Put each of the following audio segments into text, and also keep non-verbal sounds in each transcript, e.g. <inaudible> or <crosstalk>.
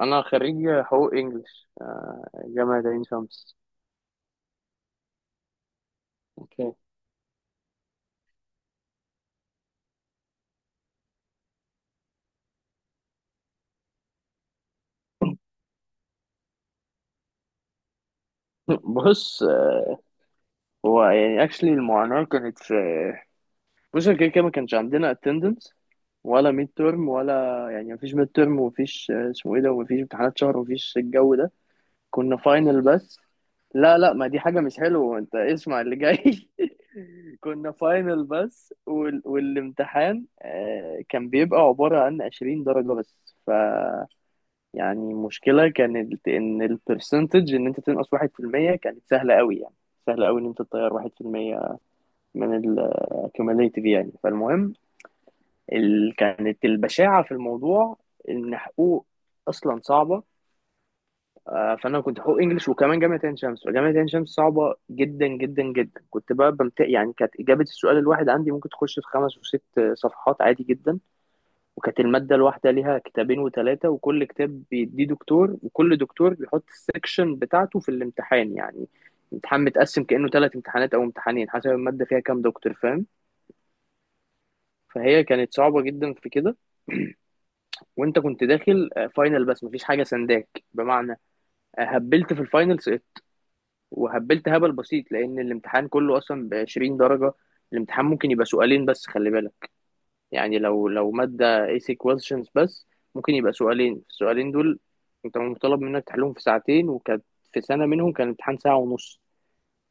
انا خريج حقوق انجلش، جامعة عين شمس. اوكي. <laughs> بص، هو يعني اكشلي المعاناة كانت في. بص، كده كده ما كانش عندنا اتندنس ولا ميد ترم ولا. يعني مفيش ميد ترم ومفيش اسمه ايه ده ومفيش امتحانات شهر ومفيش الجو ده. كنا فاينل بس. لا لا، ما دي حاجة مش حلوة، انت اسمع اللي جاي. <laughs> كنا فاينل بس والامتحان كان بيبقى عبارة عن 20 درجة بس. يعني المشكلة كانت إن البرسنتج، إن أنت تنقص 1% كانت سهلة أوي، يعني سهلة أوي إن أنت تطير 1% من ال cumulative يعني. فالمهم، كانت البشاعة في الموضوع إن حقوق أصلا صعبة. فأنا كنت حقوق إنجلش وكمان جامعة عين شمس، فجامعة عين شمس صعبة جدا جدا جدا. كنت بقى يعني كانت إجابة السؤال الواحد عندي ممكن تخش في خمس وست صفحات عادي جدا. وكانت المادة الواحدة ليها كتابين وتلاتة، وكل كتاب بيديه دكتور، وكل دكتور بيحط السكشن بتاعته في الامتحان. يعني الامتحان متقسم كأنه تلات امتحانات أو امتحانين حسب المادة فيها كام دكتور، فاهم؟ فهي كانت صعبة جدا في كده. وانت كنت داخل فاينل بس، مفيش حاجة سنداك بمعنى. هبلت في الفاينل، سقطت وهبلت هبل بسيط لأن الامتحان كله أصلا بـ20 درجة. الامتحان ممكن يبقى سؤالين بس، خلي بالك. يعني لو مادة AC questions بس، ممكن يبقى سؤالين، السؤالين دول انت مطالب منك تحلهم في ساعتين. وكانت في سنة منهم كان الامتحان ساعة ونص،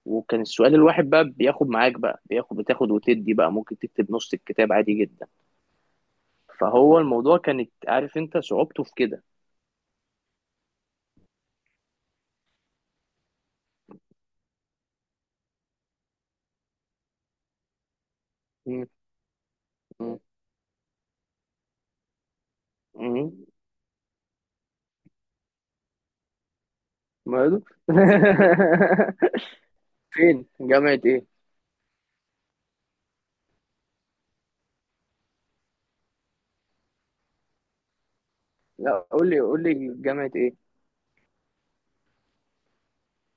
وكان السؤال الواحد بقى بياخد معاك، بقى بياخد بتاخد وتدي بقى، ممكن تكتب نص الكتاب عادي جدا. فهو الموضوع كانت عارف انت صعوبته في كده. م- م- م- ماله؟ <laughs> فين، جامعة ايه؟ لا، قول لي قول لي جامعة ايه.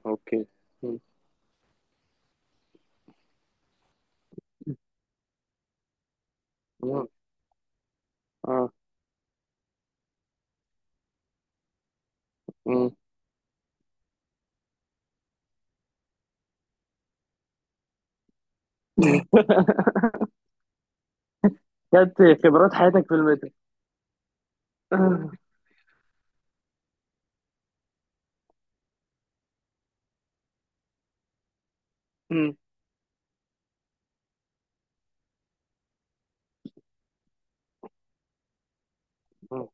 اوكي. م- م- اه. م. <laughs> كانت خبرات حياتك في المتر. <coughs> <laughs> مم. مم.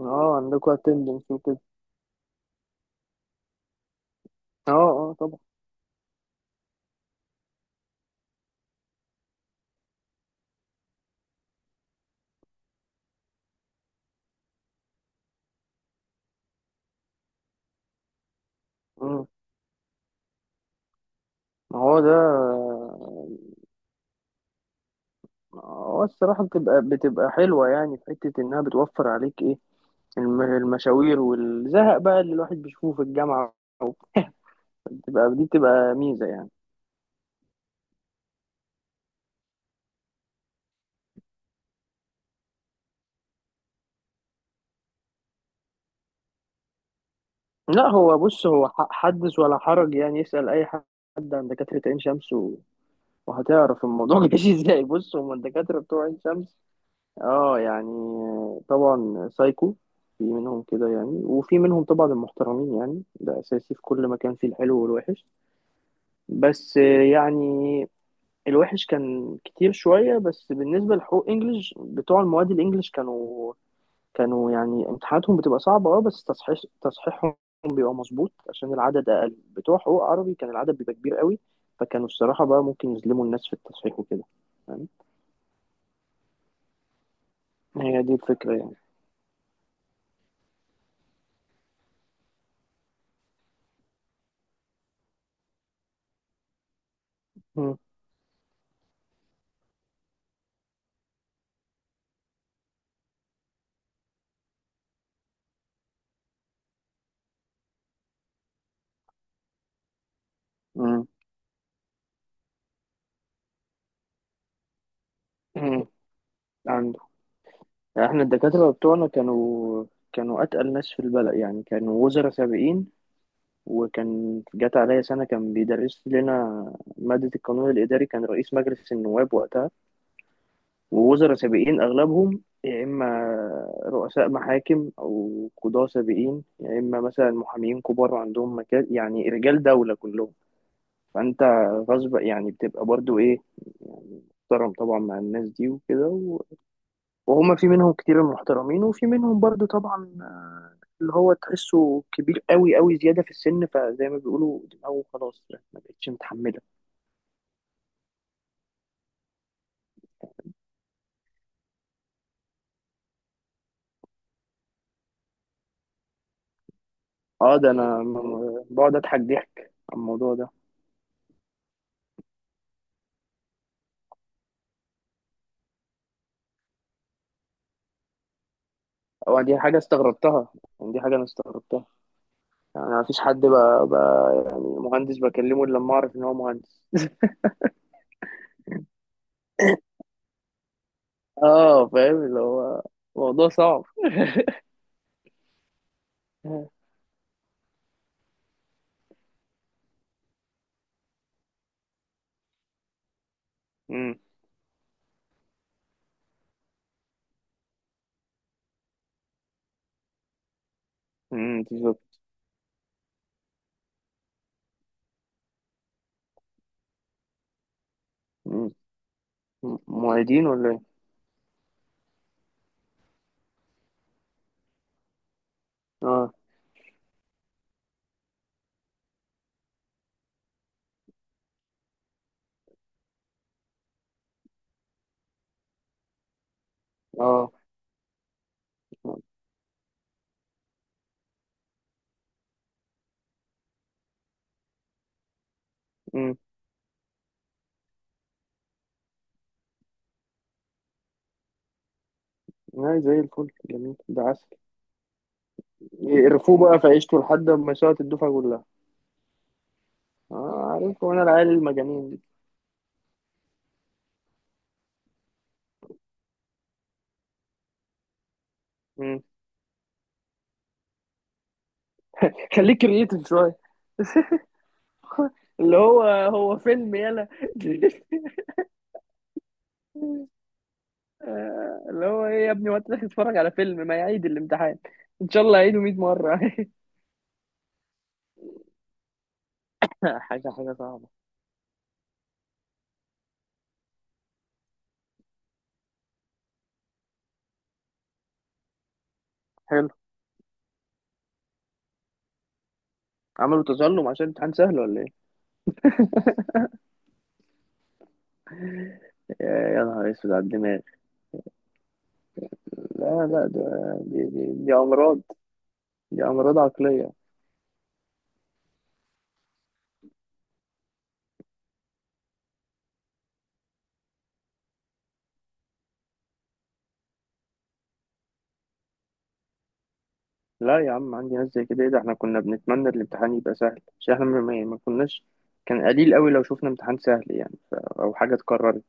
اه، عندكوا اتندنس وكده. اه اه، طبعا. مم. ما هو ده. هو الصراحة بتبقى حلوة، يعني في حتة إنها بتوفر عليك إيه، المشاوير والزهق بقى اللي الواحد بيشوفه في الجامعة وبتاع. بتبقى <laughs> دي بتبقى ميزة يعني. لا، هو بص، هو حدث ولا حرج. يعني يسأل أي حد عن دكاترة عين شمس و- وهتعرف الموضوع. <laughs> ماشي، إزاي؟ بص، هما الدكاترة بتوع عين شمس، اه يعني طبعا سايكو، في منهم كده يعني، وفي منهم طبعا المحترمين. يعني ده اساسي في كل مكان فيه الحلو والوحش. بس يعني الوحش كان كتير شوية. بس بالنسبة لحقوق انجلش، بتوع المواد الانجليش كانوا يعني امتحاناتهم بتبقى صعبة اه، بس تصحيح تصحيحهم بيبقى مظبوط عشان العدد اقل. بتوع حقوق عربي كان العدد بيبقى كبير قوي، فكانوا الصراحة بقى ممكن يظلموا الناس في التصحيح وكده يعني. هي دي الفكرة يعني. مم. مم. مم. يعني احنا الدكاترة بتوعنا كانوا أتقل ناس في البلد. يعني كانوا وزراء سابقين، وكان جات عليا سنة كان بيدرس لنا مادة القانون الإداري كان رئيس مجلس النواب وقتها. ووزراء سابقين أغلبهم، يا إما رؤساء محاكم أو قضاة سابقين، يا إما مثلا محامين كبار عندهم مكان، يعني رجال دولة كلهم. فأنت غصب يعني بتبقى برضو إيه، يعني محترم طبعا مع الناس دي وكده. وهما في منهم كتير محترمين، وفي منهم برضو طبعا اللي هو تحسه كبير قوي قوي زيادة في السن، فزي ما بيقولوا دماغه خلاص ما بقتش متحملة. اه، ده انا بقعد اضحك ضحك على الموضوع ده. او دي حاجة استغربتها، يعني دي حاجة انا استغربتها. يعني ما فيش حد بقى يعني مهندس بكلمه الا لما اعرف ان هو مهندس. <laughs> اه، فاهم، اللي هو موضوع صعب. امم، امم، بالظبط. مم. معيدين ولا ايه؟ اه اه، لا زي الفل، جميل، ده عسل. يقرفوه بقى في عيشته لحد ما يسقط الدفعة كلها. اه عارف، وانا العيال المجانين دي. مم. خليك كرييتيف شوية. <laughs> اللي هو هو فيلم يلا. <laughs> اللي هو ايه يا ابني، وقت داخل تتفرج على فيلم؟ ما يعيد الامتحان ان شاء الله يعيده 100 مرة. <laughs> حاجة حاجة صعبة. حلو. عملوا تظلم عشان امتحان سهل ولا ايه؟ يا يا نهار اسود على الدماغ. لا لا، دي امراض، دي امراض عقلية. لا يا عم عندي ناس زي كده، ايه ده، احنا كنا بنتمنى الامتحان يبقى سهل عشان احنا ما كناش. كان قليل قوي لو شفنا امتحان سهل يعني، او حاجه اتكررت.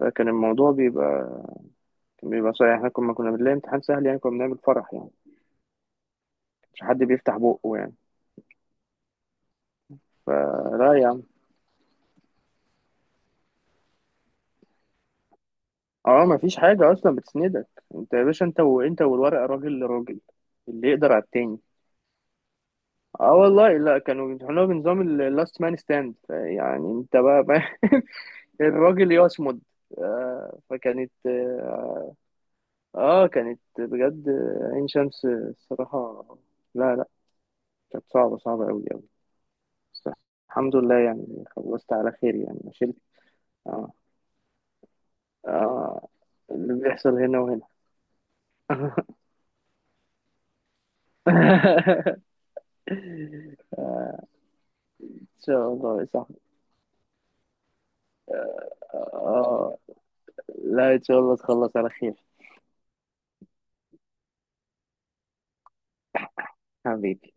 فكان الموضوع بيبقى، كان بيبقى صعب. احنا كنا بنلاقي امتحان سهل يعني كنا بنعمل فرح، يعني مش حد بيفتح بقه يعني. فلا يا عم، اه ما فيش حاجه اصلا بتسندك. انت يا باشا، انت وانت والورقه، راجل لراجل، اللي يقدر على التاني. اه والله، لا كانوا بيمتحنوها بنظام اللاست مان ستاند، يعني انت بقى <laughs> الراجل يصمد. آه، فكانت آه، اه، كانت بجد عين شمس الصراحة، لا لا، كانت صعبة صعبة أوي أوي. بس الحمد لله يعني خلصت على خير، يعني ما شلت. اه اه، اللي بيحصل هنا وهنا. <laughs> إن شاء الله يا صاحبي. اه، لا إن شاء الله تخلص على خير، حبيبي.